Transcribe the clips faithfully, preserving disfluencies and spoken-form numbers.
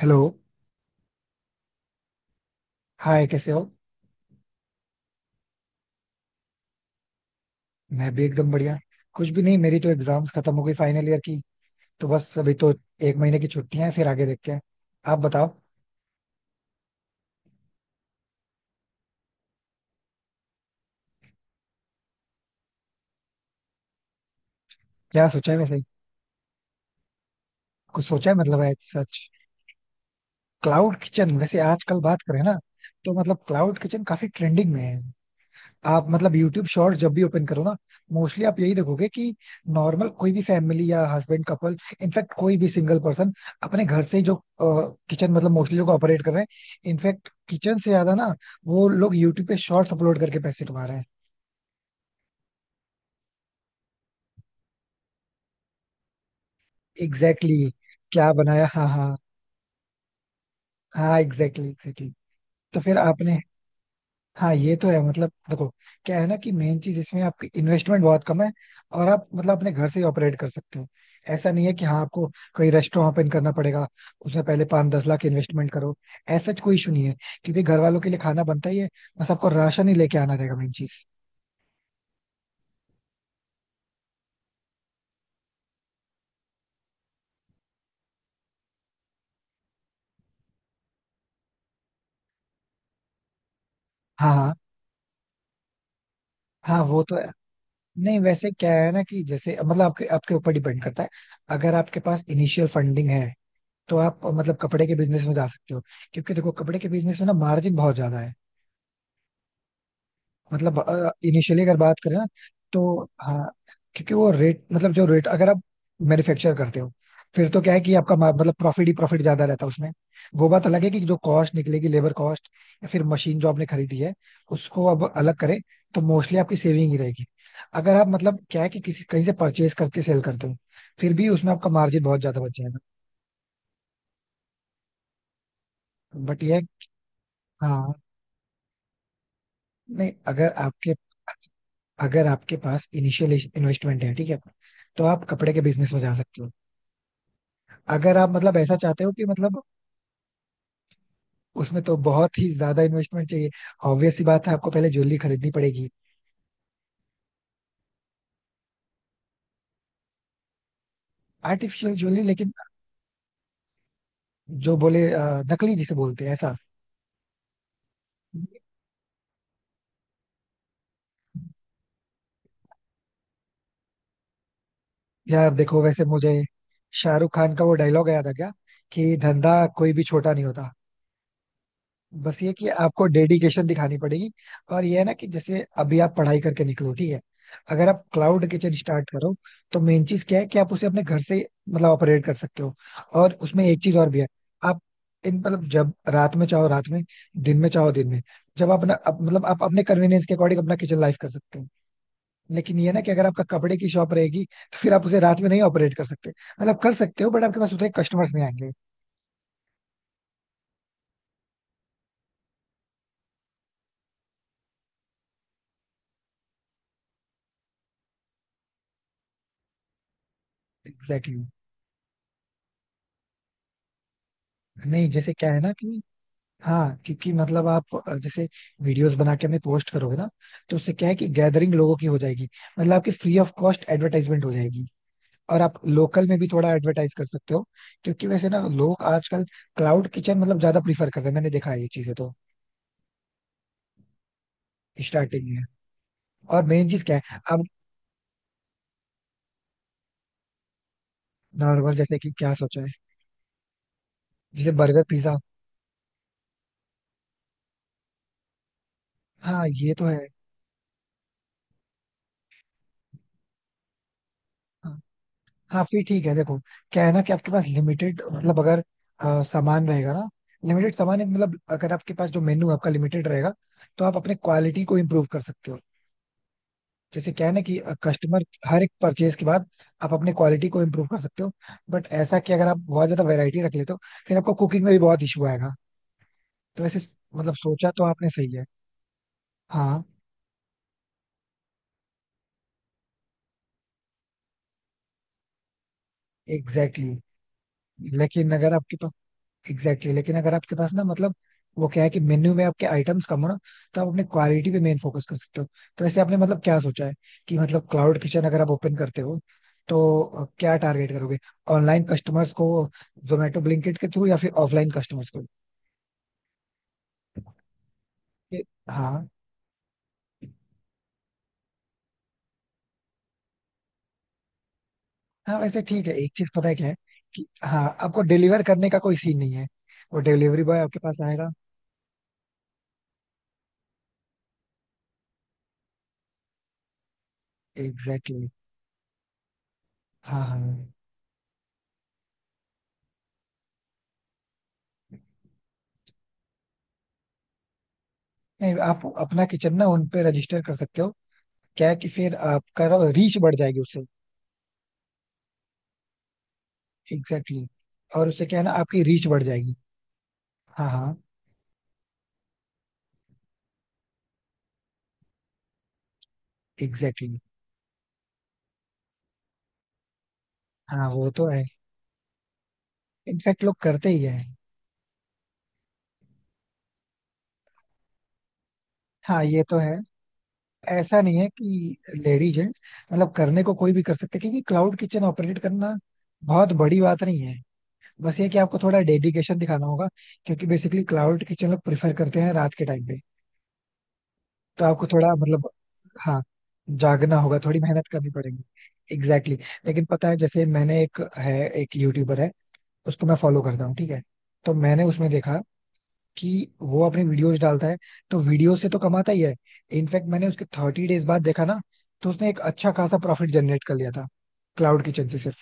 Hello. Hi, कैसे हो? मैं भी एकदम बढ़िया। कुछ भी नहीं, मेरी तो एग्जाम्स खत्म हो गई फाइनल ईयर की। तो बस अभी तो एक महीने की छुट्टियां हैं, फिर आगे देखते हैं। आप बताओ। क्या सोचा है वैसे? कुछ सोचा है मतलब है सच? क्लाउड किचन वैसे आजकल बात करें ना, तो मतलब क्लाउड किचन काफी ट्रेंडिंग में है। आप मतलब यूट्यूब शॉर्ट्स जब भी ओपन करो ना, मोस्टली आप यही देखोगे कि नॉर्मल कोई भी फैमिली या हस्बैंड कपल, इनफैक्ट कोई भी सिंगल पर्सन अपने घर से ही जो किचन मतलब मोस्टली लोग ऑपरेट कर रहे हैं, इनफैक्ट किचन से ज्यादा ना वो लोग यूट्यूब पे शॉर्ट्स अपलोड करके पैसे कमा रहे हैं। एग्जैक्टली exactly, क्या बनाया? हाँ हाँ। हाँ एग्जैक्टली exactly, एग्जैक्टली exactly. तो फिर आपने, हाँ ये तो है, मतलब देखो, क्या है ना कि मेन चीज इसमें आपकी इन्वेस्टमेंट बहुत कम है और आप मतलब अपने घर से ही ऑपरेट कर सकते हो। ऐसा नहीं है कि हाँ आपको कोई रेस्टोरेंट ओपन करना पड़ेगा, उसमें पहले पाँच दस लाख इन्वेस्टमेंट करो। ऐसा कोई इशू नहीं है, क्योंकि घर वालों के लिए खाना बनता ही है। बस आपको राशन ही लेके आना रहेगा, मेन चीज। हाँ हाँ हाँ, वो तो है। नहीं वैसे क्या है ना कि जैसे मतलब आपके आपके ऊपर डिपेंड करता है। अगर आपके पास इनिशियल फंडिंग है, तो आप मतलब कपड़े के बिजनेस में जा सकते हो। क्योंकि देखो कपड़े के बिजनेस में ना मार्जिन बहुत ज्यादा है। मतलब इनिशियली अगर बात करें ना, तो हाँ क्योंकि वो रेट, मतलब जो रेट अगर आप मैन्युफैक्चर करते हो, फिर तो क्या है कि आपका मा- मतलब प्रॉफिट ही प्रॉफिट ज्यादा रहता है उसमें। वो बात अलग है कि जो कॉस्ट निकलेगी, लेबर कॉस्ट या फिर मशीन जो आपने खरीदी है उसको अब अलग करें, तो मोस्टली आपकी सेविंग ही रहेगी। अगर आप मतलब क्या है कि किसी कहीं से परचेज करके सेल करते हो, फिर भी उसमें आपका मार्जिन बहुत ज्यादा बच जाएगा। बट ये, हाँ। नहीं अगर आपके, अगर आपके पास इनिशियल इन्वेस्टमेंट है ठीक है, तो आप कपड़े के बिजनेस में जा सकते हो। अगर आप मतलब ऐसा चाहते हो कि मतलब, उसमें तो बहुत ही ज्यादा इन्वेस्टमेंट चाहिए। ऑब्वियस सी बात है आपको पहले ज्वेलरी खरीदनी पड़ेगी। आर्टिफिशियल ज्वेलरी लेकिन जो बोले अ, नकली जिसे बोलते हैं ऐसा। यार देखो वैसे मुझे शाहरुख खान का वो डायलॉग याद आ गया कि धंधा कोई भी छोटा नहीं होता, बस ये कि आपको डेडिकेशन दिखानी पड़ेगी। और ये है ना कि जैसे अभी आप पढ़ाई करके निकलो ठीक है, अगर आप क्लाउड किचन स्टार्ट करो, तो मेन चीज क्या है कि आप उसे अपने घर से मतलब ऑपरेट कर सकते हो। और उसमें एक चीज और भी है, आप इन मतलब जब रात में चाहो रात में, दिन में चाहो दिन में, जब आप अपना अप, मतलब आप अपने कन्वीनियंस के अकॉर्डिंग अपना किचन लाइफ कर सकते हो। लेकिन ये ना कि अगर आपका कपड़े की शॉप रहेगी, तो फिर आप उसे रात में नहीं ऑपरेट कर सकते, मतलब कर सकते हो बट आपके पास उतने कस्टमर्स नहीं आएंगे। Exactly exactly. नहीं जैसे क्या है ना कि, हाँ क्योंकि मतलब आप अ, जैसे वीडियोस बना के हमें पोस्ट करोगे ना, तो उससे क्या है कि गैदरिंग लोगों की हो जाएगी, मतलब आपकी फ्री ऑफ कॉस्ट एडवर्टाइजमेंट हो जाएगी। और आप लोकल में भी थोड़ा एडवर्टाइज कर सकते हो, क्योंकि वैसे ना लोग आजकल क्लाउड किचन मतलब ज्यादा प्रीफर कर रहे हैं, मैंने देखा है ये चीजें तो। स्टार्टिंग में और मेन चीज क्या है अब, नॉर्मल जैसे कि क्या सोचा है? जैसे बर्गर पिज्जा, हाँ ये तो है। हाँ। हाँ फिर ठीक है देखो, क्या है ना कि आपके पास लिमिटेड मतलब अगर अ, सामान रहेगा ना, लिमिटेड सामान है, मतलब अगर आपके पास जो मेन्यू आपका लिमिटेड रहेगा, तो आप अपने क्वालिटी को इम्प्रूव कर सकते हो। जैसे क्या है ना कि कस्टमर हर एक परचेज के बाद आप अपने क्वालिटी को इम्प्रूव कर सकते हो। बट ऐसा कि अगर आप बहुत ज्यादा वैरायटी रख लेते हो, फिर आपको कुकिंग में भी बहुत इशू आएगा। तो ऐसे मतलब सोचा तो आपने सही है। हाँ एग्जैक्टली exactly. लेकिन अगर आपके, एग्जैक्टली exactly. लेकिन अगर आपके पास ना मतलब, वो क्या है कि मेन्यू में आपके आइटम्स कम हो ना, तो आप अपने क्वालिटी पे मेन फोकस कर सकते हो। तो वैसे आपने मतलब क्या सोचा है कि मतलब क्लाउड किचन अगर आप ओपन करते हो, तो अ, क्या टारगेट करोगे? ऑनलाइन कस्टमर्स को, जोमेटो ब्लिंकिट के थ्रू, या फिर ऑफलाइन कस्टमर्स को? ये- हाँ। हाँ वैसे ठीक है, एक चीज पता है क्या है, कि हाँ आपको डिलीवर करने का कोई सीन नहीं है। वो डिलीवरी बॉय आपके पास आएगा। Exactly exactly. हाँ हाँ। नहीं आप अपना किचन ना उन पे रजिस्टर कर सकते हो। क्या है कि फिर आपका रीच बढ़ जाएगी उससे। Exactly exactly. और उससे क्या है ना आपकी रीच बढ़ जाएगी। हाँ हाँ। Exactly exactly. हाँ वो तो है, इनफैक्ट लोग करते ही है। हाँ ये तो है। ऐसा नहीं है कि लेडीज जेंट्स मतलब करने को कोई भी कर सकते, क्योंकि क्लाउड किचन ऑपरेट करना बहुत बड़ी बात नहीं है। बस ये कि आपको थोड़ा डेडिकेशन दिखाना होगा। क्योंकि बेसिकली क्लाउड किचन लोग प्रेफर करते हैं रात के टाइम पे, तो आपको थोड़ा मतलब, हाँ, जागना होगा, थोड़ी मेहनत करनी पड़ेगी। Exactly exactly. लेकिन पता है जैसे मैंने एक है, एक यूट्यूबर है, उसको मैं फॉलो करता हूँ ठीक है, तो मैंने उसमें देखा कि वो अपनी वीडियोस डालता है, तो वीडियो से तो कमाता ही है। इनफैक्ट मैंने उसके थर्टी डेज़ बाद देखा ना, तो उसने एक अच्छा खासा प्रॉफिट जनरेट कर लिया था, क्लाउड किचन से सिर्फ।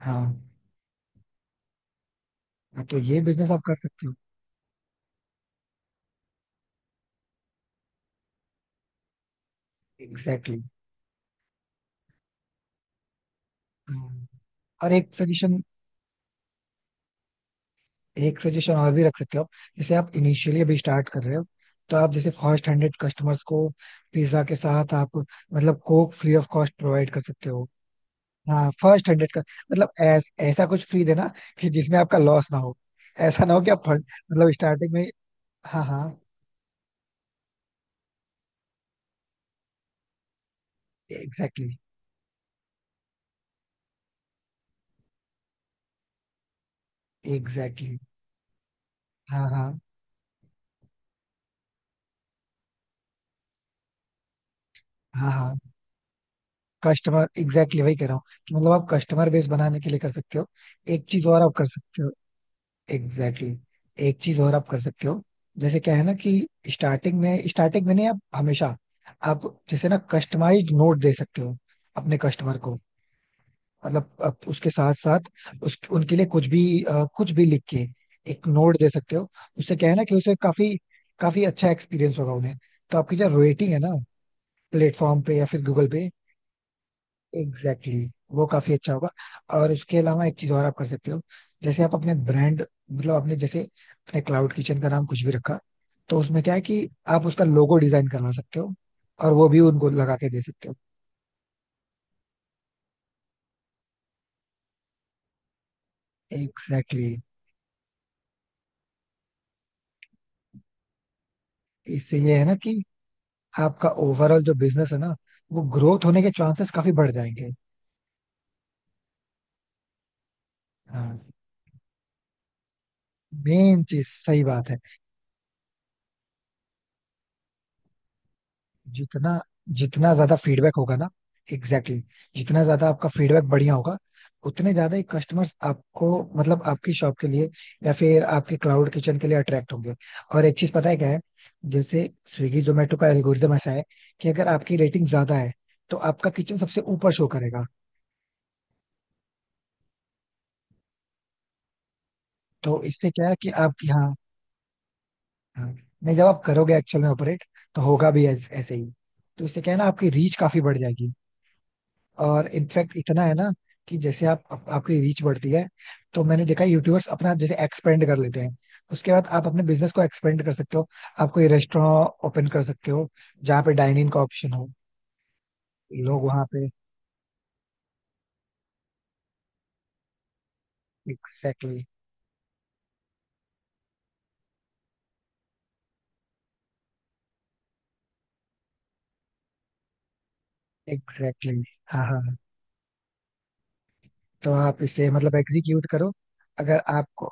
हाँ। हाँ, तो ये बिजनेस आप कर सकते हो। Exactly exactly. हम्म। और एक सजेशन, एक सजेशन और भी रख सकते हो आप। जैसे आप इनिशियली अभी स्टार्ट कर रहे हो, तो आप जैसे फर्स्ट हंड्रेड कस्टमर्स को पिज्जा के साथ आप मतलब coke free of cost provide कर सकते हो। हाँ फर्स्ट हंड्रेड का मतलब ऐस, ऐसा कुछ फ्री देना कि जिसमें आपका लॉस ना हो। ऐसा ना हो कि आप फंड, मतलब स्टार्टिंग में, हाँ हाँ। एग्जैक्टली exactly, एग्जैक्टली exactly, हाँ हाँ हाँ हाँ। कस्टमर एग्जैक्टली वही कह रहा हूँ कि मतलब आप कस्टमर बेस बनाने के लिए कर सकते हो। एक चीज और आप कर सकते हो, एग्जैक्टली exactly. एक चीज और आप कर सकते हो। जैसे क्या है ना कि स्टार्टिंग में स्टार्टिंग में नहीं, आप हमेशा आप जैसे ना कस्टमाइज्ड नोट दे सकते हो अपने कस्टमर को। मतलब आप उसके साथ साथ उस उनके लिए कुछ भी अ, कुछ भी लिख के एक नोट दे सकते हो। उससे क्या है ना कि उसे काफी काफी अच्छा एक्सपीरियंस होगा उन्हें। तो आपकी जो रेटिंग है ना, प्लेटफॉर्म पे या फिर गूगल पे, एग्जैक्टली exactly, वो काफी अच्छा होगा। और इसके अलावा एक चीज और आप कर सकते हो। जैसे आप अपने ब्रांड, मतलब आपने जैसे अपने क्लाउड किचन का नाम कुछ भी रखा, तो उसमें क्या है कि आप उसका लोगो डिजाइन करवा सकते हो और वो भी उनको लगा के दे सकते हो। Exactly exactly. इससे ये है ना कि आपका ओवरऑल जो बिजनेस है ना, वो ग्रोथ होने के चांसेस काफी बढ़ जाएंगे। हाँ मेन चीज सही बात है। जितना, जितना ज्यादा फीडबैक होगा ना, एग्जैक्टली exactly, जितना ज्यादा आपका फीडबैक बढ़िया होगा, उतने ज्यादा ही कस्टमर्स आपको, मतलब आपकी शॉप के लिए या फिर आपके क्लाउड किचन के लिए अट्रैक्ट होंगे। और एक चीज पता है क्या है, जैसे स्विगी जोमेटो का एल्गोरिदम ऐसा है कि अगर आपकी रेटिंग ज्यादा है, तो आपका किचन सबसे ऊपर शो करेगा। तो इससे क्या है कि आप यहाँ, हाँ, नहीं जब आप करोगे एक्चुअल में ऑपरेट, तो होगा भी ऐस- ऐसे ही। तो इससे क्या है ना आपकी रीच काफी बढ़ जाएगी। और इनफैक्ट इतना है ना कि जैसे आप, आप आपकी रीच बढ़ती है, तो मैंने देखा यूट्यूबर्स अपना जैसे एक्सपेंड कर लेते हैं। उसके बाद आप अपने बिजनेस को एक्सपेंड कर सकते हो। आप कोई रेस्टोरेंट ओपन कर सकते हो जहाँ पे डाइनिंग का ऑप्शन हो, लोग वहाँ पे, एग्जैक्टली, एग्जैक्टली, हाँ हाँ हाँ। तो आप इसे मतलब एग्जीक्यूट करो। अगर आपको,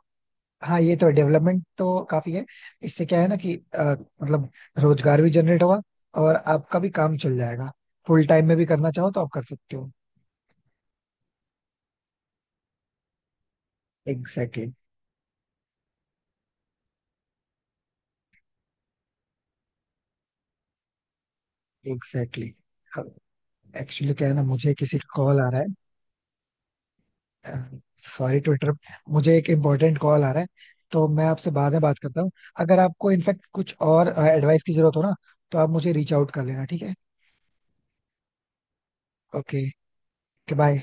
हाँ ये तो डेवलपमेंट तो काफी है। इससे क्या है ना कि अ, मतलब रोजगार भी जनरेट होगा, और आपका भी काम चल जाएगा। फुल टाइम में भी करना चाहो तो आप कर सकते हो। Exactly, exactly. अब एक्चुअली क्या है ना मुझे किसी का कॉल आ रहा है। सॉरी टू इंटरप्ट, मुझे एक इम्पोर्टेंट कॉल आ रहा है, तो मैं आपसे बाद में बात करता हूँ। अगर आपको इनफेक्ट कुछ और एडवाइस की जरूरत हो ना, तो आप मुझे रीच आउट कर लेना, ठीक है? Okay, bye.